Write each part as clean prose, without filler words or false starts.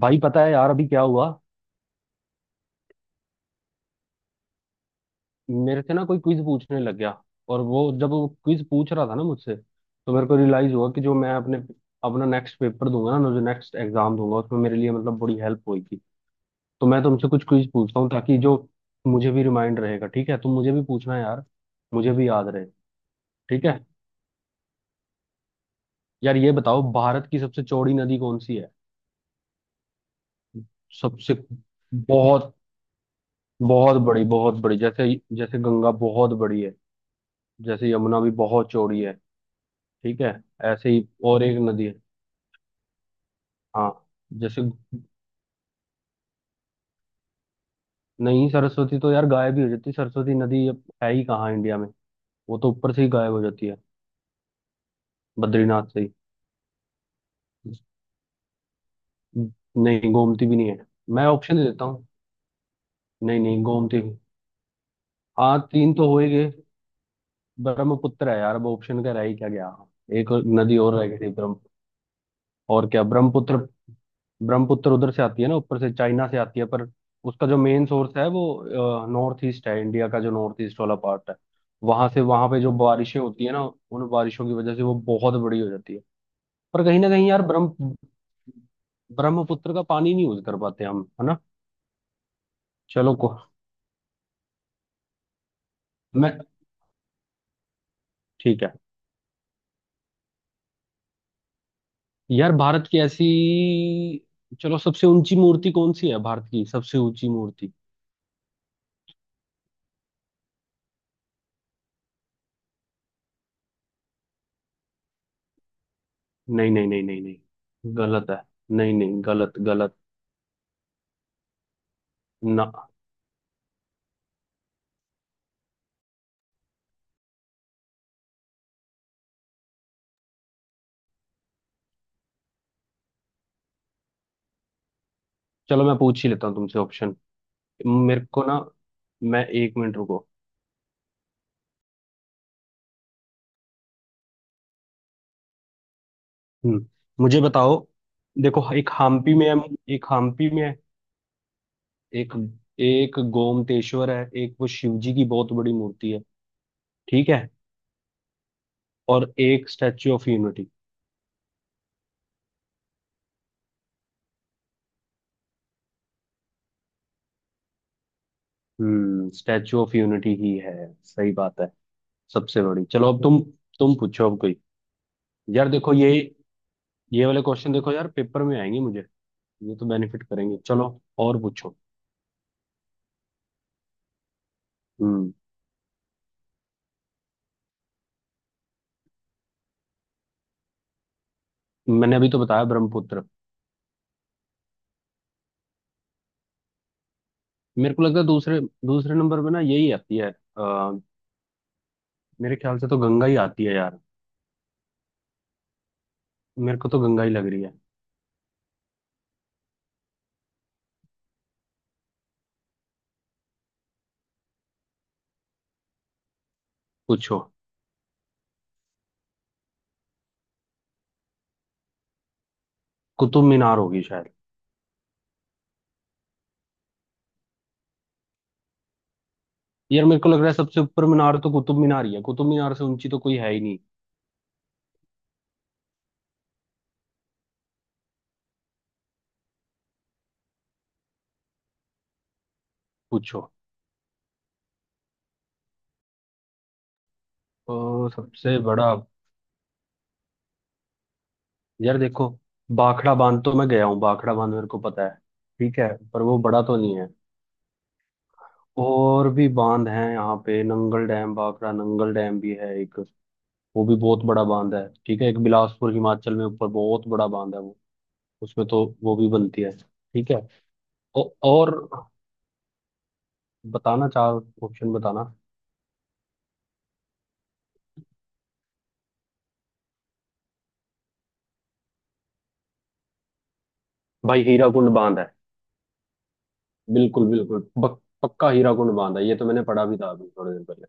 भाई पता है यार, अभी क्या हुआ। मेरे से ना कोई क्विज पूछने लग गया। और वो, जब वो क्विज पूछ रहा था ना मुझसे, तो मेरे को रियलाइज हुआ कि जो मैं अपने अपना नेक्स्ट पेपर दूंगा ना, जो नेक्स्ट एग्जाम दूंगा, उसमें मेरे लिए मतलब बड़ी हेल्प होगी। तो मैं तुमसे कुछ क्विज पूछता हूँ, ताकि जो मुझे भी रिमाइंड रहेगा। ठीक है, तुम मुझे भी पूछना यार, मुझे भी याद रहे। ठीक है। यार ये बताओ, भारत की सबसे चौड़ी नदी कौन सी है। सबसे बहुत, बहुत बड़ी, जैसे जैसे गंगा बहुत बड़ी है, जैसे यमुना भी बहुत चौड़ी है। ठीक है। ऐसे ही और एक नदी है। हाँ, जैसे। नहीं, सरस्वती तो यार गायब ही हो जाती है। सरस्वती नदी अब है ही कहाँ इंडिया में। वो तो ऊपर से ही गायब हो जाती है, बद्रीनाथ से ही। नहीं, गोमती भी नहीं है। मैं ऑप्शन दे देता हूँ। नहीं नहीं, गोमती भी। हाँ, तीन तो हो ही गए। ब्रह्मपुत्र है यार, अब ऑप्शन का रह ही क्या गया। एक और नदी और रह गई थी, ब्रह्म। और क्या, ब्रह्मपुत्र। ब्रह्मपुत्र उधर से आती है ना, ऊपर से चाइना से आती है, पर उसका जो मेन सोर्स है वो नॉर्थ ईस्ट है, इंडिया का जो नॉर्थ ईस्ट वाला पार्ट है, वहां से। वहां पे जो बारिशें होती है ना, उन बारिशों की वजह से वो बहुत बड़ी हो जाती है। पर कहीं ना कहीं यार, ब्रह्मपुत्र का पानी नहीं यूज कर पाते हम, है ना। चलो को, मैं ठीक है। यार भारत की ऐसी, चलो सबसे ऊंची मूर्ति कौन सी है, भारत की सबसे ऊंची मूर्ति। नहीं नहीं नहीं नहीं नहीं गलत है, नहीं नहीं, गलत गलत। ना, चलो मैं पूछ ही लेता हूँ तुमसे ऑप्शन। मेरे को ना, मैं 1 मिनट, रुको। हम्म मुझे बताओ। देखो, एक हम्पी में है। एक एक गोमतेश्वर है, एक वो शिव जी की बहुत बड़ी मूर्ति है। ठीक है। और एक स्टैच्यू ऑफ यूनिटी। हम्म, स्टैच्यू ऑफ यूनिटी ही है। सही बात है। सबसे बड़ी, चलो अब तुम पूछो अब कोई। यार देखो ये वाले क्वेश्चन देखो यार, पेपर में आएंगे मुझे, ये तो बेनिफिट करेंगे। चलो और पूछो। हम्म। मैंने अभी तो बताया, ब्रह्मपुत्र। मेरे को लगता है दूसरे, दूसरे नंबर पे ना यही आती है। आ, मेरे ख्याल से तो गंगा ही आती है यार। मेरे को तो गंगा ही लग रही है। पूछो। कुतुब मीनार होगी शायद। यार मेरे को लग रहा है, सबसे ऊपर मीनार तो कुतुब मीनार ही है, कुतुब मीनार से ऊंची तो कोई है ही नहीं। पूछो। तो सबसे बड़ा, यार देखो, भाखड़ा बांध तो मैं गया हूँ, भाखड़ा बांध मेरे को पता है। ठीक है। पर वो बड़ा तो नहीं है। और भी बांध हैं यहाँ पे, नंगल डैम, भाखड़ा नंगल डैम भी है एक, वो भी बहुत बड़ा बांध है। ठीक है। एक बिलासपुर हिमाचल में ऊपर बहुत बड़ा बांध है, वो उसमें तो वो भी बनती है। ठीक है। और बताना, 4 ऑप्शन बताना। भाई हीरा कुंड बांध है। बिल्कुल बिल्कुल, पक्का हीरा कुंड बांध है। ये तो मैंने पढ़ा भी था अभी थोड़ी देर पहले।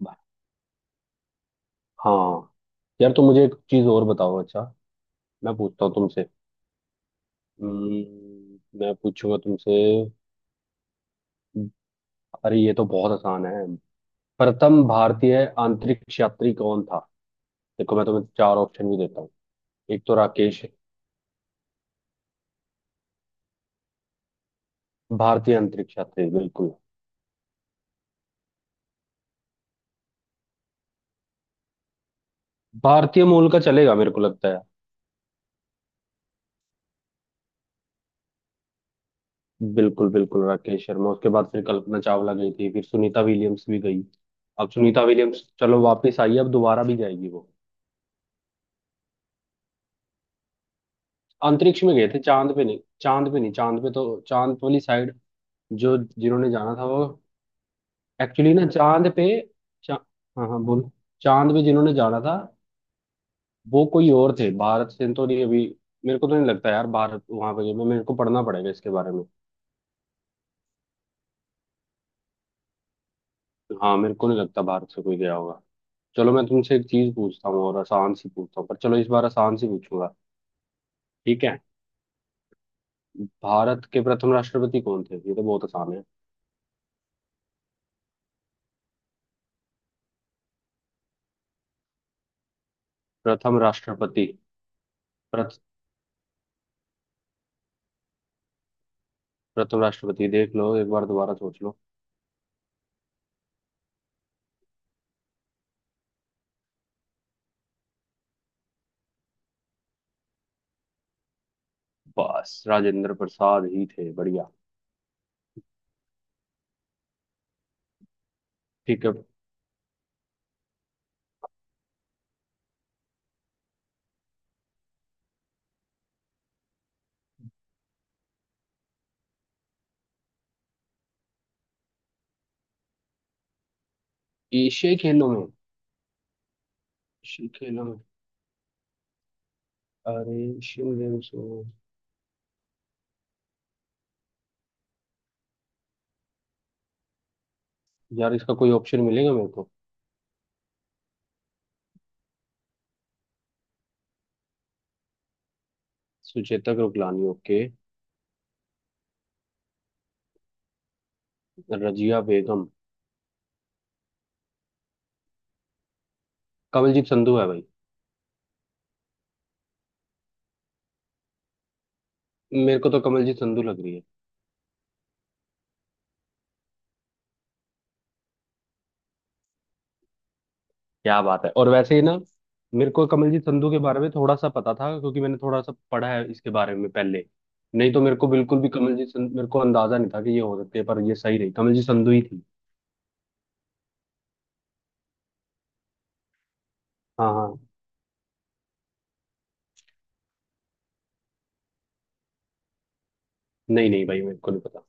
बा- हाँ। यार तो मुझे एक चीज और बताओ, अच्छा। मैं पूछता हूँ तुमसे। मैं पूछूंगा तुमसे। अरे ये तो बहुत आसान है। प्रथम भारतीय अंतरिक्ष यात्री कौन था। देखो मैं तुम्हें 4 ऑप्शन भी देता हूँ। एक तो राकेश, भारतीय अंतरिक्ष यात्री, बिल्कुल। भारतीय मूल का चलेगा, मेरे को लगता है। बिल्कुल बिल्कुल, राकेश शर्मा। उसके बाद फिर कल्पना चावला गई थी, फिर सुनीता विलियम्स भी गई। अब सुनीता विलियम्स चलो वापस आई है, अब दोबारा भी जाएगी वो। अंतरिक्ष में गए थे, चांद पे नहीं, चांद पे नहीं। चांद पे तो चांद वाली साइड जो जिन्होंने जाना था वो, एक्चुअली ना, चांद पे। चा, हाँ हाँ, बोल। चांद पे जिन्होंने जाना था, वो कोई और थे, भारत से तो नहीं अभी। मेरे को तो नहीं लगता यार भारत वहां पे गए, मैं, मेरे को पढ़ना पड़ेगा इसके बारे में। हाँ, मेरे को नहीं लगता भारत से कोई गया होगा। चलो मैं तुमसे एक चीज पूछता हूँ, और आसान सी पूछता हूँ, पर चलो इस बार आसान सी पूछूंगा। ठीक है। भारत के प्रथम राष्ट्रपति कौन थे, ये तो बहुत आसान है। प्रथम राष्ट्रपति। प्रथ, प्रथम राष्ट्रपति, देख लो एक बार, दोबारा सोच लो। बस, राजेंद्र प्रसाद ही थे, बढ़िया। ठीक है। एशियाई खेलों में, एशियाई खेलों में, अरे एशियन गेम्स में। यार इसका कोई ऑप्शन मिलेगा मेरे को। सुचेतक रुकलानी, ओके। रजिया बेगम। कमलजीत संधू है भाई। मेरे को तो कमलजीत संधू लग रही है। क्या बात है। और वैसे ही ना, मेरे को कमलजीत संधू के बारे में थोड़ा सा पता था, क्योंकि मैंने थोड़ा सा पढ़ा है इसके बारे में पहले। नहीं तो मेरे को बिल्कुल भी कमलजीत संधू, मेरे को अंदाजा नहीं था कि ये हो सकती है, पर ये सही रही, कमलजीत संधू ही थी। हाँ हाँ। नहीं नहीं भाई, मेरे को नहीं पता।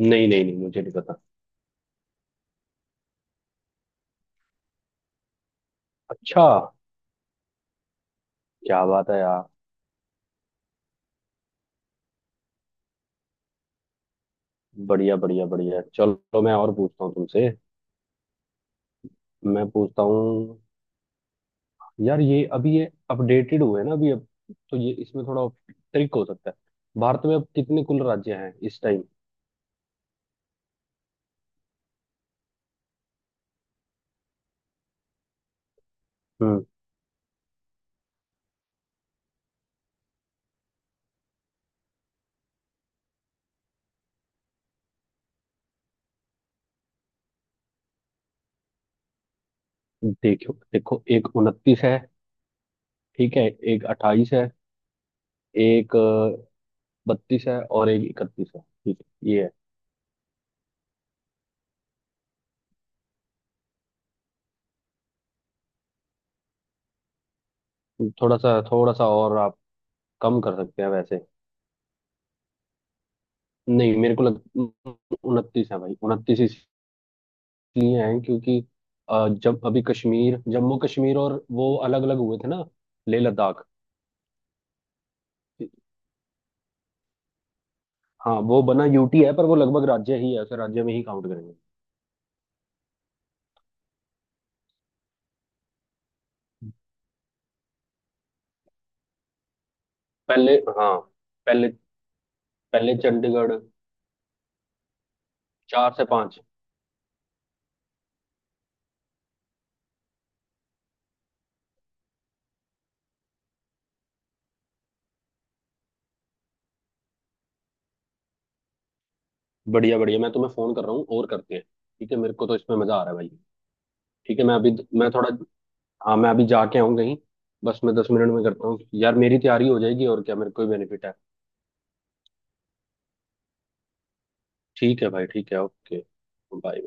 नहीं नहीं नहीं, मुझे नहीं पता। अच्छा, क्या बात है यार। बढ़िया बढ़िया बढ़िया, चलो मैं और पूछता हूँ तुमसे। मैं पूछता हूँ। यार ये अभी ये अपडेटेड हुए ना अभी अब, तो ये इसमें थोड़ा ट्रिक हो सकता है। भारत में अब कितने कुल राज्य हैं इस टाइम। देखो देखो, एक 29 है, ठीक है, एक 28 है, एक 32 है, और एक 31 है। ठीक है ये। है थोड़ा सा, थोड़ा सा और आप कम कर सकते हैं वैसे। नहीं मेरे को लग, 29 है भाई, 29 इसलिए है क्योंकि जब अभी कश्मीर, जम्मू कश्मीर और वो अलग अलग हुए थे ना, लेह लद्दाख। हाँ वो बना यूटी है, पर वो लगभग राज्य ही है, उसे राज्य में ही काउंट करेंगे। पहले, हाँ पहले, पहले चंडीगढ़, 4 से 5। बढ़िया बढ़िया। मैं तुम्हें फोन कर रहा हूँ और करते हैं, ठीक है, मेरे को तो इसमें मजा आ रहा है भाई। ठीक है मैं अभी, मैं थोड़ा, हाँ मैं अभी जाके आऊँ कहीं, बस मैं 10 मिनट में करता हूँ, यार मेरी तैयारी हो जाएगी, और क्या, मेरे को ही बेनिफिट है। ठीक है भाई, ठीक है, ओके, बाय।